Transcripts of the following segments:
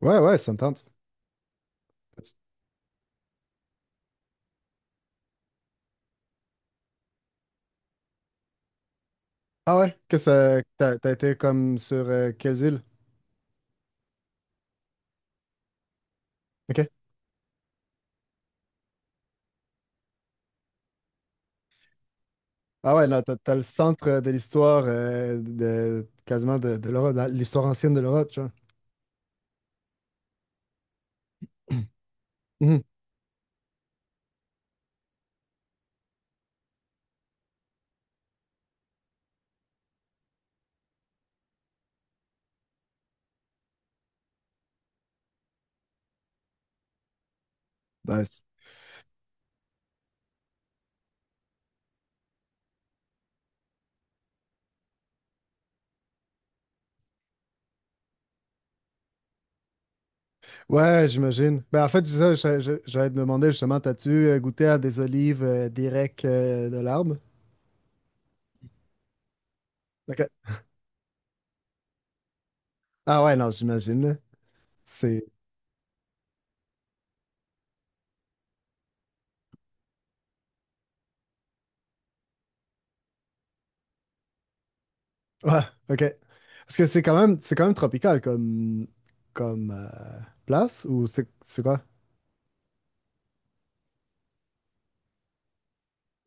Ouais, ouais, ça me tente. Ah ouais, Qu'est-ce que ça, t'as été comme sur quelles îles? OK. Ah ouais, non, t'as le centre de l'histoire de quasiment de l'Europe, dans l'histoire ancienne de l'Europe, tu vois. Mhm. Nice. Ouais, j'imagine. Ben, en fait, c'est ça, j'allais te demander justement, t'as-tu goûté à des olives directes de l'arbre? OK. Ah ouais, non, j'imagine. Là. C'est. Ouais, OK. Parce que c'est quand même tropical comme place ou c'est quoi?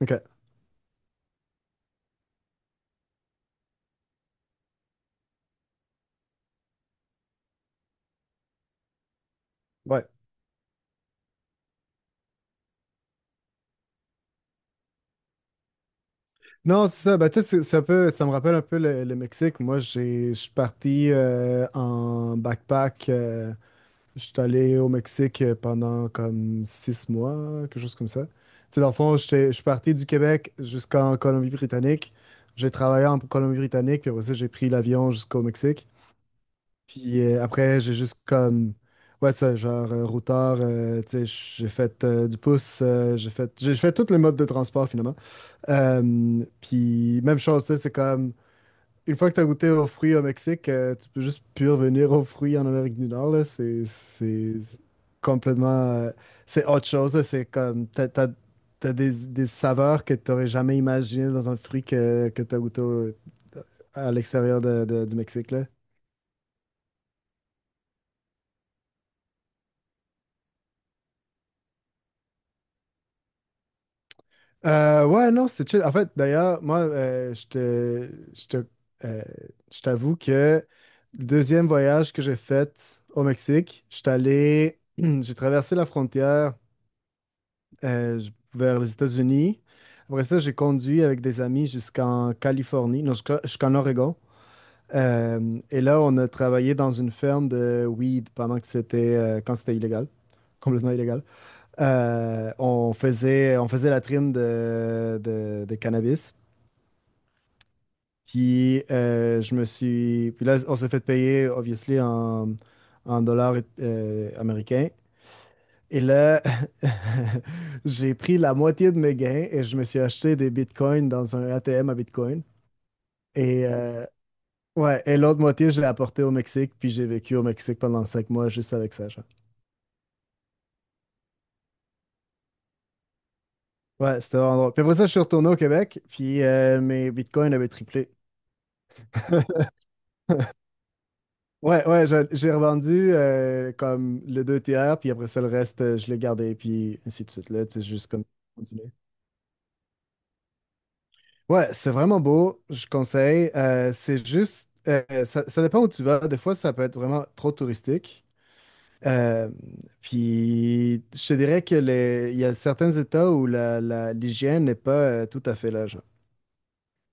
OK. Ouais. Non, c'est ça. Ben, tu sais, ça peut, ça me rappelle un peu le Mexique. Moi, je suis parti en backpack. Je suis allé au Mexique pendant comme 6 mois, quelque chose comme ça. Tu sais, dans le fond, je suis parti du Québec jusqu'en Colombie-Britannique. J'ai travaillé en Colombie-Britannique, puis après ça, j'ai pris l'avion jusqu'au Mexique. Puis après, j'ai juste comme. Ouais, ça, genre, routard, tu sais, j'ai fait du pouce, j'ai fait tous les modes de transport finalement. Puis même chose, c'est comme une fois que tu as goûté aux fruits au Mexique, tu peux juste plus revenir aux fruits en Amérique du Nord. Là. C'est complètement. C'est autre chose. Là. C'est comme. T'as des saveurs que tu n'aurais jamais imaginées dans un fruit que tu as goûté à l'extérieur du Mexique. Là. Ouais, non, c'était chill. En fait, d'ailleurs, moi, euh, je t'avoue que le deuxième voyage que j'ai fait au Mexique, je suis allé, j'ai traversé la frontière vers les États-Unis. Après ça, j'ai conduit avec des amis jusqu'en Californie, non, jusqu'en Oregon. Et là, on a travaillé dans une ferme de weed pendant que quand c'était illégal, complètement illégal. On faisait la trim de cannabis. Puis je me suis. Puis là, on s'est fait payer, obviously, en dollars américains. Et là, j'ai pris la moitié de mes gains et je me suis acheté des bitcoins dans un ATM à bitcoin. Et, ouais, et l'autre moitié, je l'ai apporté au Mexique. Puis j'ai vécu au Mexique pendant 5 mois juste avec ça. Genre. Ouais, c'était vraiment drôle. Puis après ça, je suis retourné au Québec. Puis mes bitcoins avaient triplé. Ouais, ouais, j'ai revendu comme le deux tiers, puis après ça, le reste, je l'ai gardé, puis ainsi de suite. Là, tu sais, juste comme continuer. Ouais, c'est vraiment beau, je conseille. C'est juste, ça dépend où tu vas. Des fois, ça peut être vraiment trop touristique. Euh, puis, je te dirais que il y a certains États où l'hygiène n'est pas tout à fait là, genre.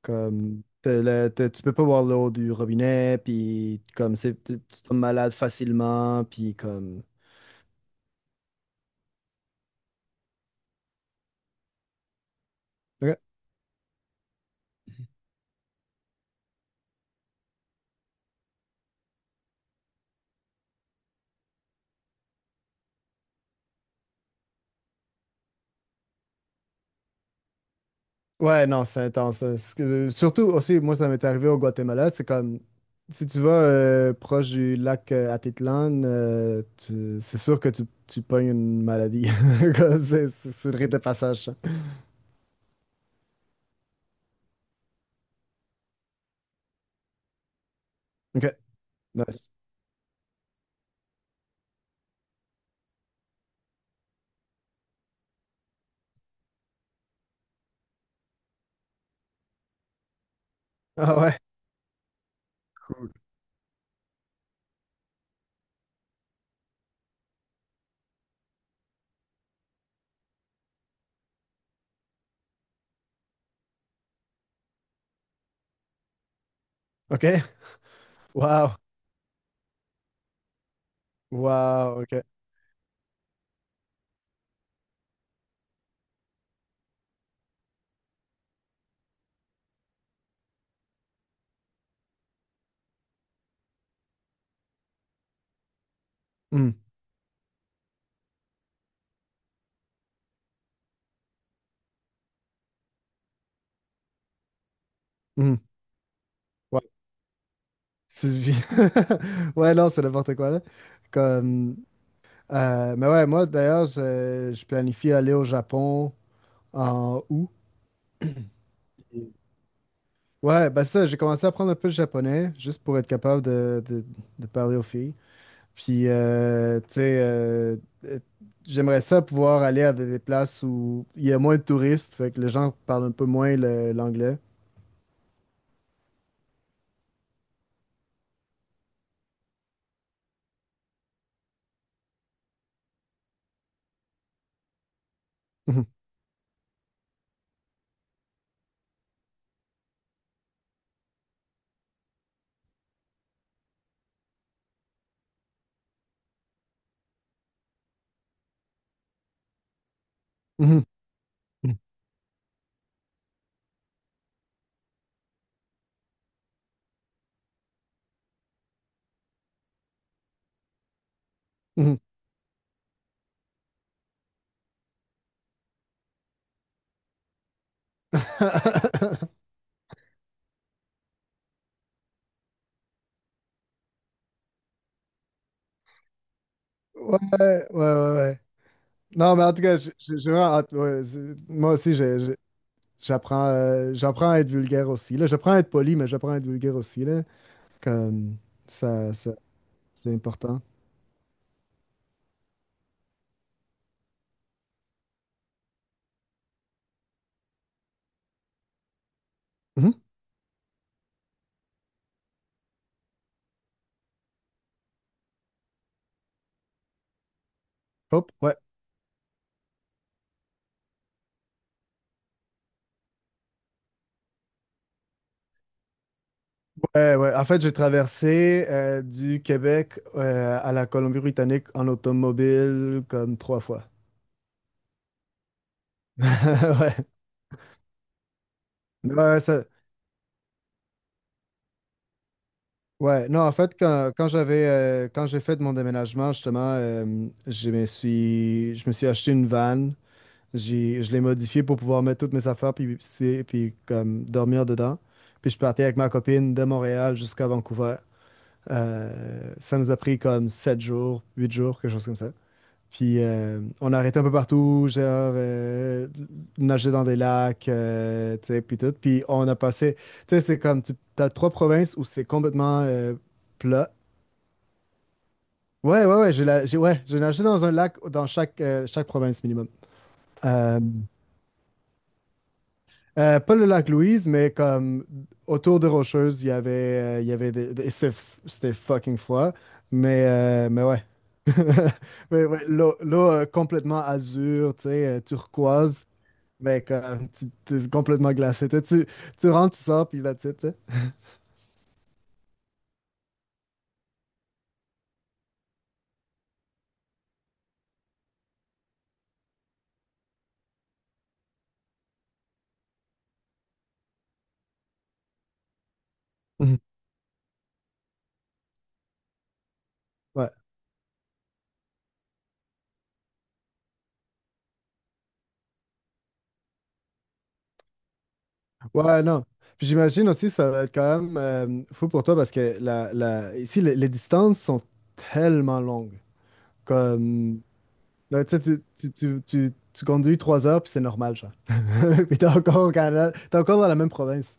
Comme, tu peux pas boire l'eau du robinet, puis comme, c'est, tu tombes malade facilement, puis comme. Ouais, non, c'est intense. Hein. Surtout aussi, moi, ça m'est arrivé au Guatemala. C'est comme, si tu vas proche du lac Atitlan, c'est sûr que tu pognes une maladie. Comme c'est le rite de passage. Ça. OK. Nice. Ah ouais. OK. Wow. Wow. OK. Hmm. Hmm. Ouais. C'est- Ouais, non, c'est n'importe quoi, là. Comme, mais ouais, moi, d'ailleurs, je planifie aller au Japon en août. Ouais, bah ça, j'ai commencé à apprendre un peu le japonais, juste pour être capable de parler aux filles. Puis, tu sais, euh, j'aimerais ça pouvoir aller à des places où il y a moins de touristes, fait que les gens parlent un peu moins l'anglais. Mhm, mhm, mhm. Ouais, ouais, ouais, ouais. Non, mais en tout cas, j'ai vraiment hâte. Ouais, moi aussi, j'apprends à être vulgaire aussi, là. J'apprends à être poli, mais j'apprends à être vulgaire aussi, là. Comme ça, c'est important. Hop, ouais. Ouais, ouais. En fait, j'ai traversé du Québec à la Colombie-Britannique en automobile comme trois fois. Ouais. Ouais, ouais. Non, en fait, quand j'ai fait mon déménagement, justement, je me suis acheté une van. Je l'ai modifiée pour pouvoir mettre toutes mes affaires puis, puis comme dormir dedans. Puis je partais avec ma copine de Montréal jusqu'à Vancouver. Ça nous a pris comme 7 jours, 8 jours, quelque chose comme ça. Puis on arrêtait un peu partout, genre euh, nager dans des lacs, tu sais, puis tout. Puis on a passé, tu sais, c'est comme, tu as trois provinces où c'est complètement plat. Ouais, ouais, ouais, ouais, j'ai nagé dans un lac dans chaque province minimum. Euh, pas le lac Louise, mais comme autour de Rocheuses, il y avait des, c'était fucking froid, mais ouais. Mais ouais, complètement azur, tu sais, turquoise. Mais comme, t'es complètement glacé. Tu rentres, tu sors, puis là, tu sais. Mhm. Ouais. Ouais, non. Puis j'imagine aussi, ça va être quand même fou pour toi parce que ici, les distances sont tellement longues. Comme, là, tu sais, tu conduis 3 heures, puis c'est normal, genre. Puis t'es encore au Canada, t'es encore dans la même province.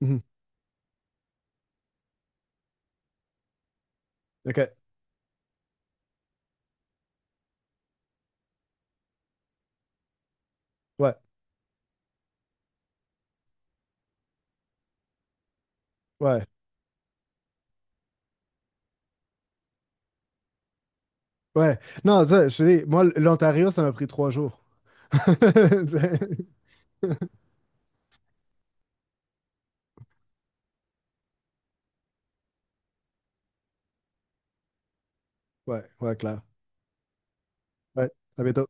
Mhm. OK. Ouais, ouais, ouais. Non, ça, je te dis, moi, l'Ontario, ça m'a pris 3 jours. Tu sais. Ouais, ouais, clair. Ouais, à bientôt.